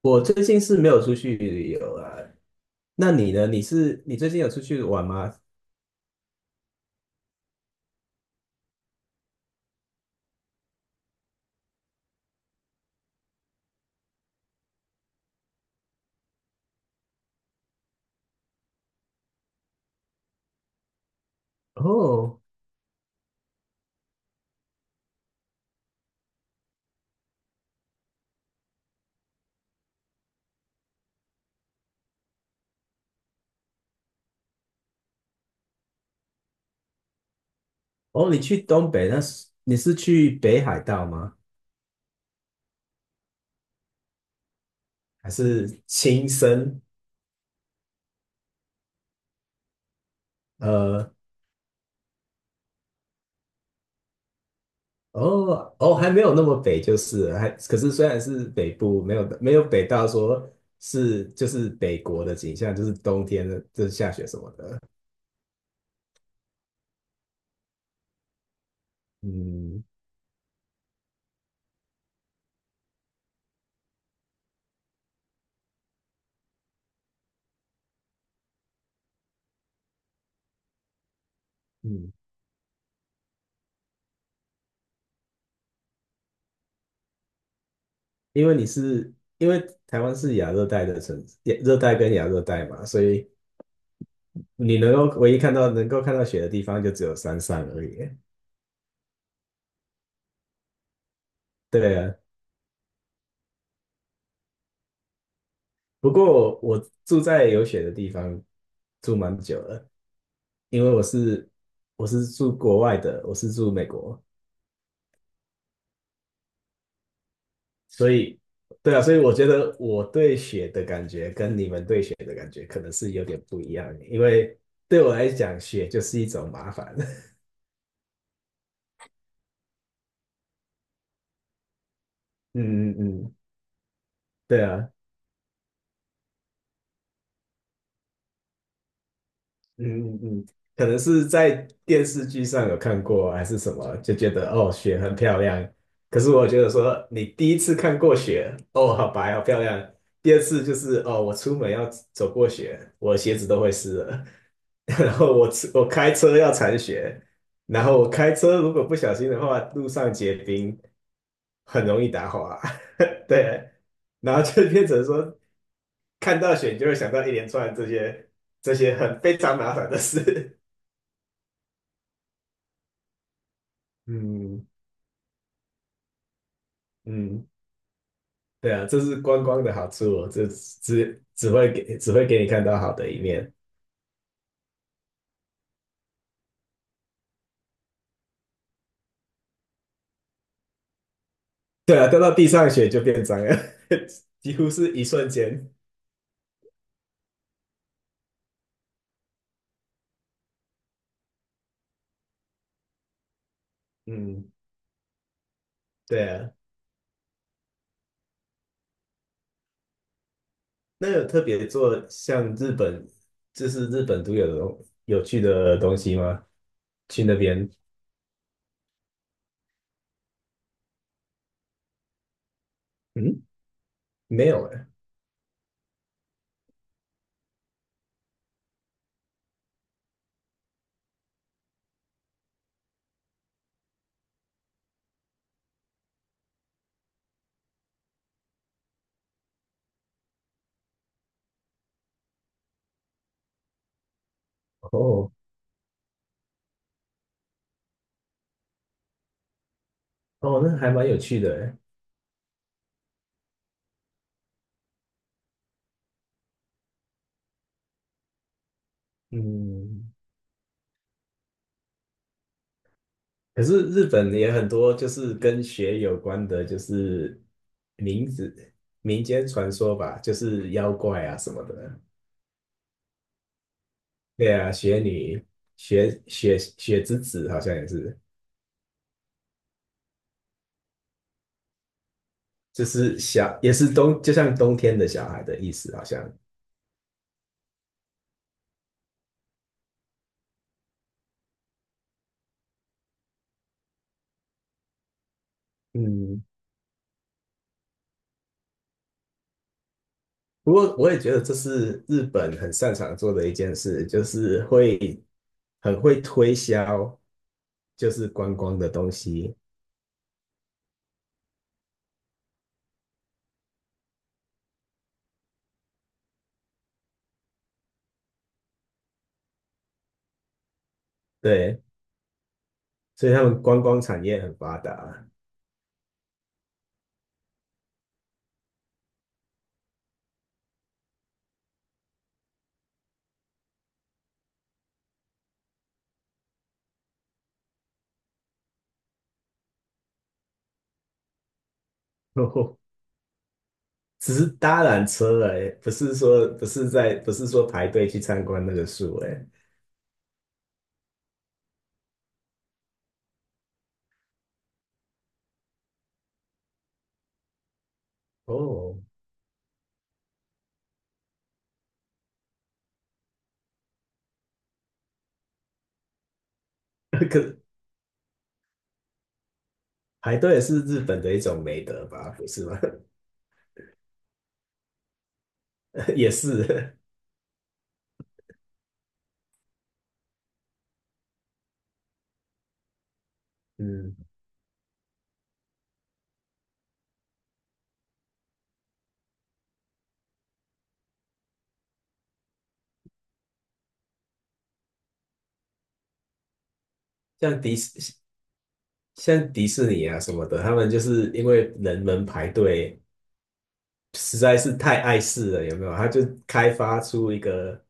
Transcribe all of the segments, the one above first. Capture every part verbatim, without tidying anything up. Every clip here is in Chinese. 我最近是没有出去旅游啊，那你呢？你是你最近有出去玩吗？哦哦，你去东北，那是你是去北海道吗？还是亲身？呃，哦哦，还没有那么北就是了，还可是虽然是北部，没有没有北到说是就是北国的景象，就是冬天的就是下雪什么的。嗯嗯，因为你是因为台湾是亚热带的城，亚热带跟亚热带嘛，所以你能够唯一看到能够看到雪的地方就只有山上而已。对啊，不过我住在有雪的地方住蛮久了，因为我是我是住国外的，我是住美国，所以对啊，所以我觉得我对雪的感觉跟你们对雪的感觉可能是有点不一样，因为对我来讲，雪就是一种麻烦。嗯嗯嗯，对啊，嗯嗯嗯，可能是在电视剧上有看过，还是什么，就觉得哦，雪很漂亮。可是我觉得说，你第一次看过雪，哦，好白，好漂亮。第二次就是哦，我出门要走过雪，我鞋子都会湿了。然后我吃我开车要铲雪，然后我开车如果不小心的话，路上结冰，很容易打滑。对，然后就变成说，看到雪你就会想到一连串这些这些很非常麻烦的事。嗯嗯，对啊，这是观光的好处哦，这只只会给只会给你看到好的一面。对啊，掉到地上血就变脏了，几乎是一瞬间。嗯，对啊，那有特别做像日本，就是日本独有的东有趣的东西吗？去那边？嗯，没有哎。哦哦，那还蛮有趣的哎。嗯，可是日本也很多，就是跟雪有关的，就是名字、民间传说吧，就是妖怪啊什么的。对啊，雪女、雪雪雪之子好像也是，就是小，也是冬，就像冬天的小孩的意思，好像。嗯，不过我也觉得这是日本很擅长做的一件事，就是会很会推销，就是观光的东西。对，所以他们观光产业很发达。只是搭缆车哎，不是说不是在不是说排队去参观那个树哎。哦，可排队是日本的一种美德吧？不是吗？也是，嗯，像迪士像迪士尼啊什么的，他们就是因为人们排队实在是太碍事了，有没有？他就开发出一个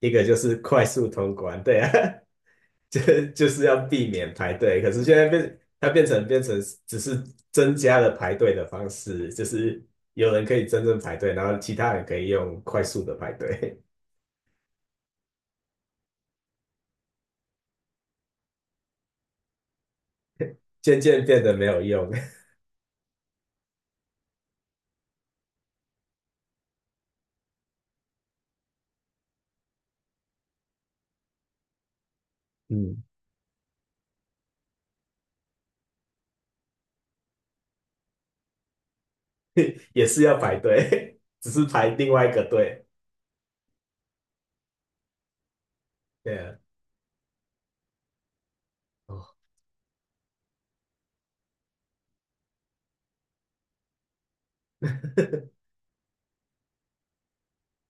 一个就是快速通关，对啊，就就是要避免排队。可是现在变，它变成变成只是增加了排队的方式，就是有人可以真正排队，然后其他人可以用快速的排队，渐渐变得没有用。嗯，也是要排队，只是排另外一个队。对啊，哦，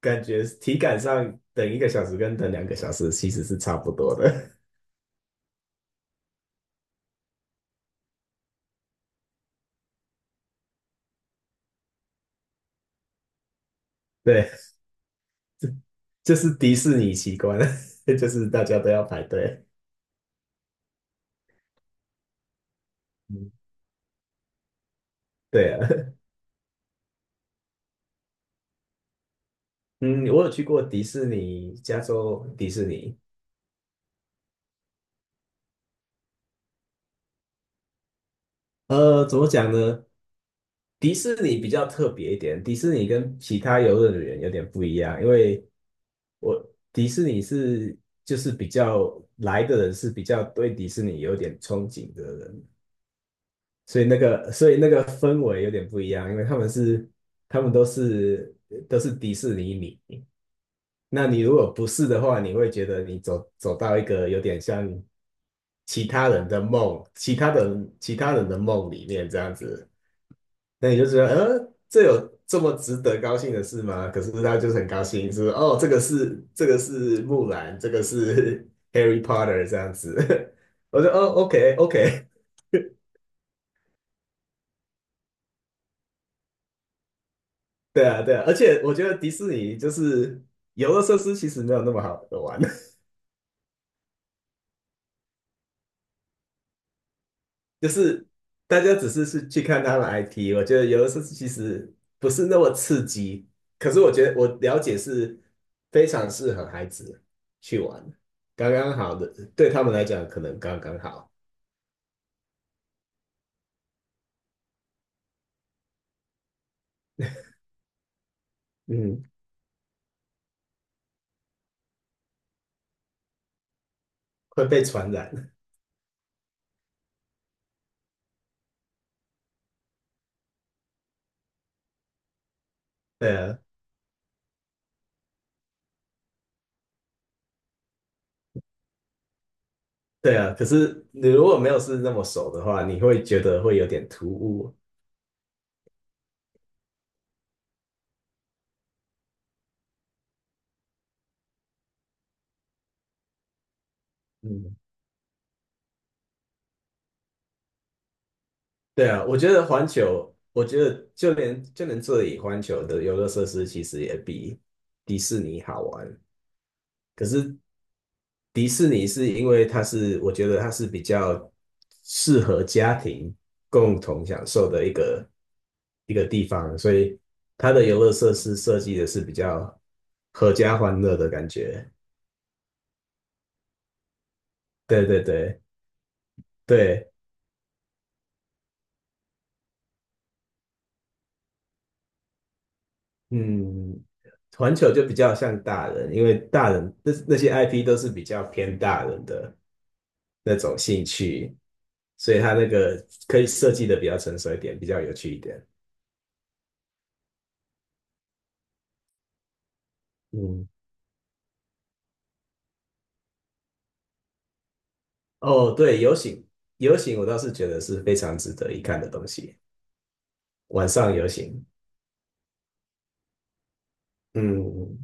感觉体感上等一个小时跟等两个小时其实是差不多的。对，就是迪士尼奇观，就是大家都要排队。嗯，对啊。嗯，我有去过迪士尼，加州迪士尼。呃，怎么讲呢？迪士尼比较特别一点，迪士尼跟其他游乐园有点不一样，因为我迪士尼是就是比较来的人是比较对迪士尼有点憧憬的人，所以那个所以那个氛围有点不一样，因为他们是他们都是都是迪士尼迷，那你如果不是的话，你会觉得你走走到一个有点像其他人的梦，其他的其他人的梦里面这样子，那你就觉得，呃，这有这么值得高兴的事吗？可是他就是很高兴，是哦，这个是这个是木兰，这个是 Harry Potter 这样子，我说哦，OK OK，对啊对啊，而且我觉得迪士尼就是游乐设施其实没有那么好玩。就是大家只是是去看他的 i p， 我觉得有的时候其实不是那么刺激，可是我觉得我了解是非常适合孩子去玩，刚刚好的，对他们来讲可能刚刚好，嗯，会被传染，对啊，对啊，可是你如果没有是那么熟的话，你会觉得会有点突兀，嗯，对啊，我觉得环球，我觉得就连就连这里环球的游乐设施其实也比迪士尼好玩。可是迪士尼是因为它是，我觉得它是比较适合家庭共同享受的一个一个地方，所以它的游乐设施设计的是比较合家欢乐的感觉。对对对对，嗯，环球就比较像大人，因为大人那那些 I P 都是比较偏大人的那种兴趣，所以它那个可以设计的比较成熟一点，比较有趣一点。嗯。哦，对，游行，游行我倒是觉得是非常值得一看的东西。晚上游行，嗯，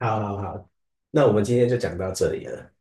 好好好，那我们今天就讲到这里了。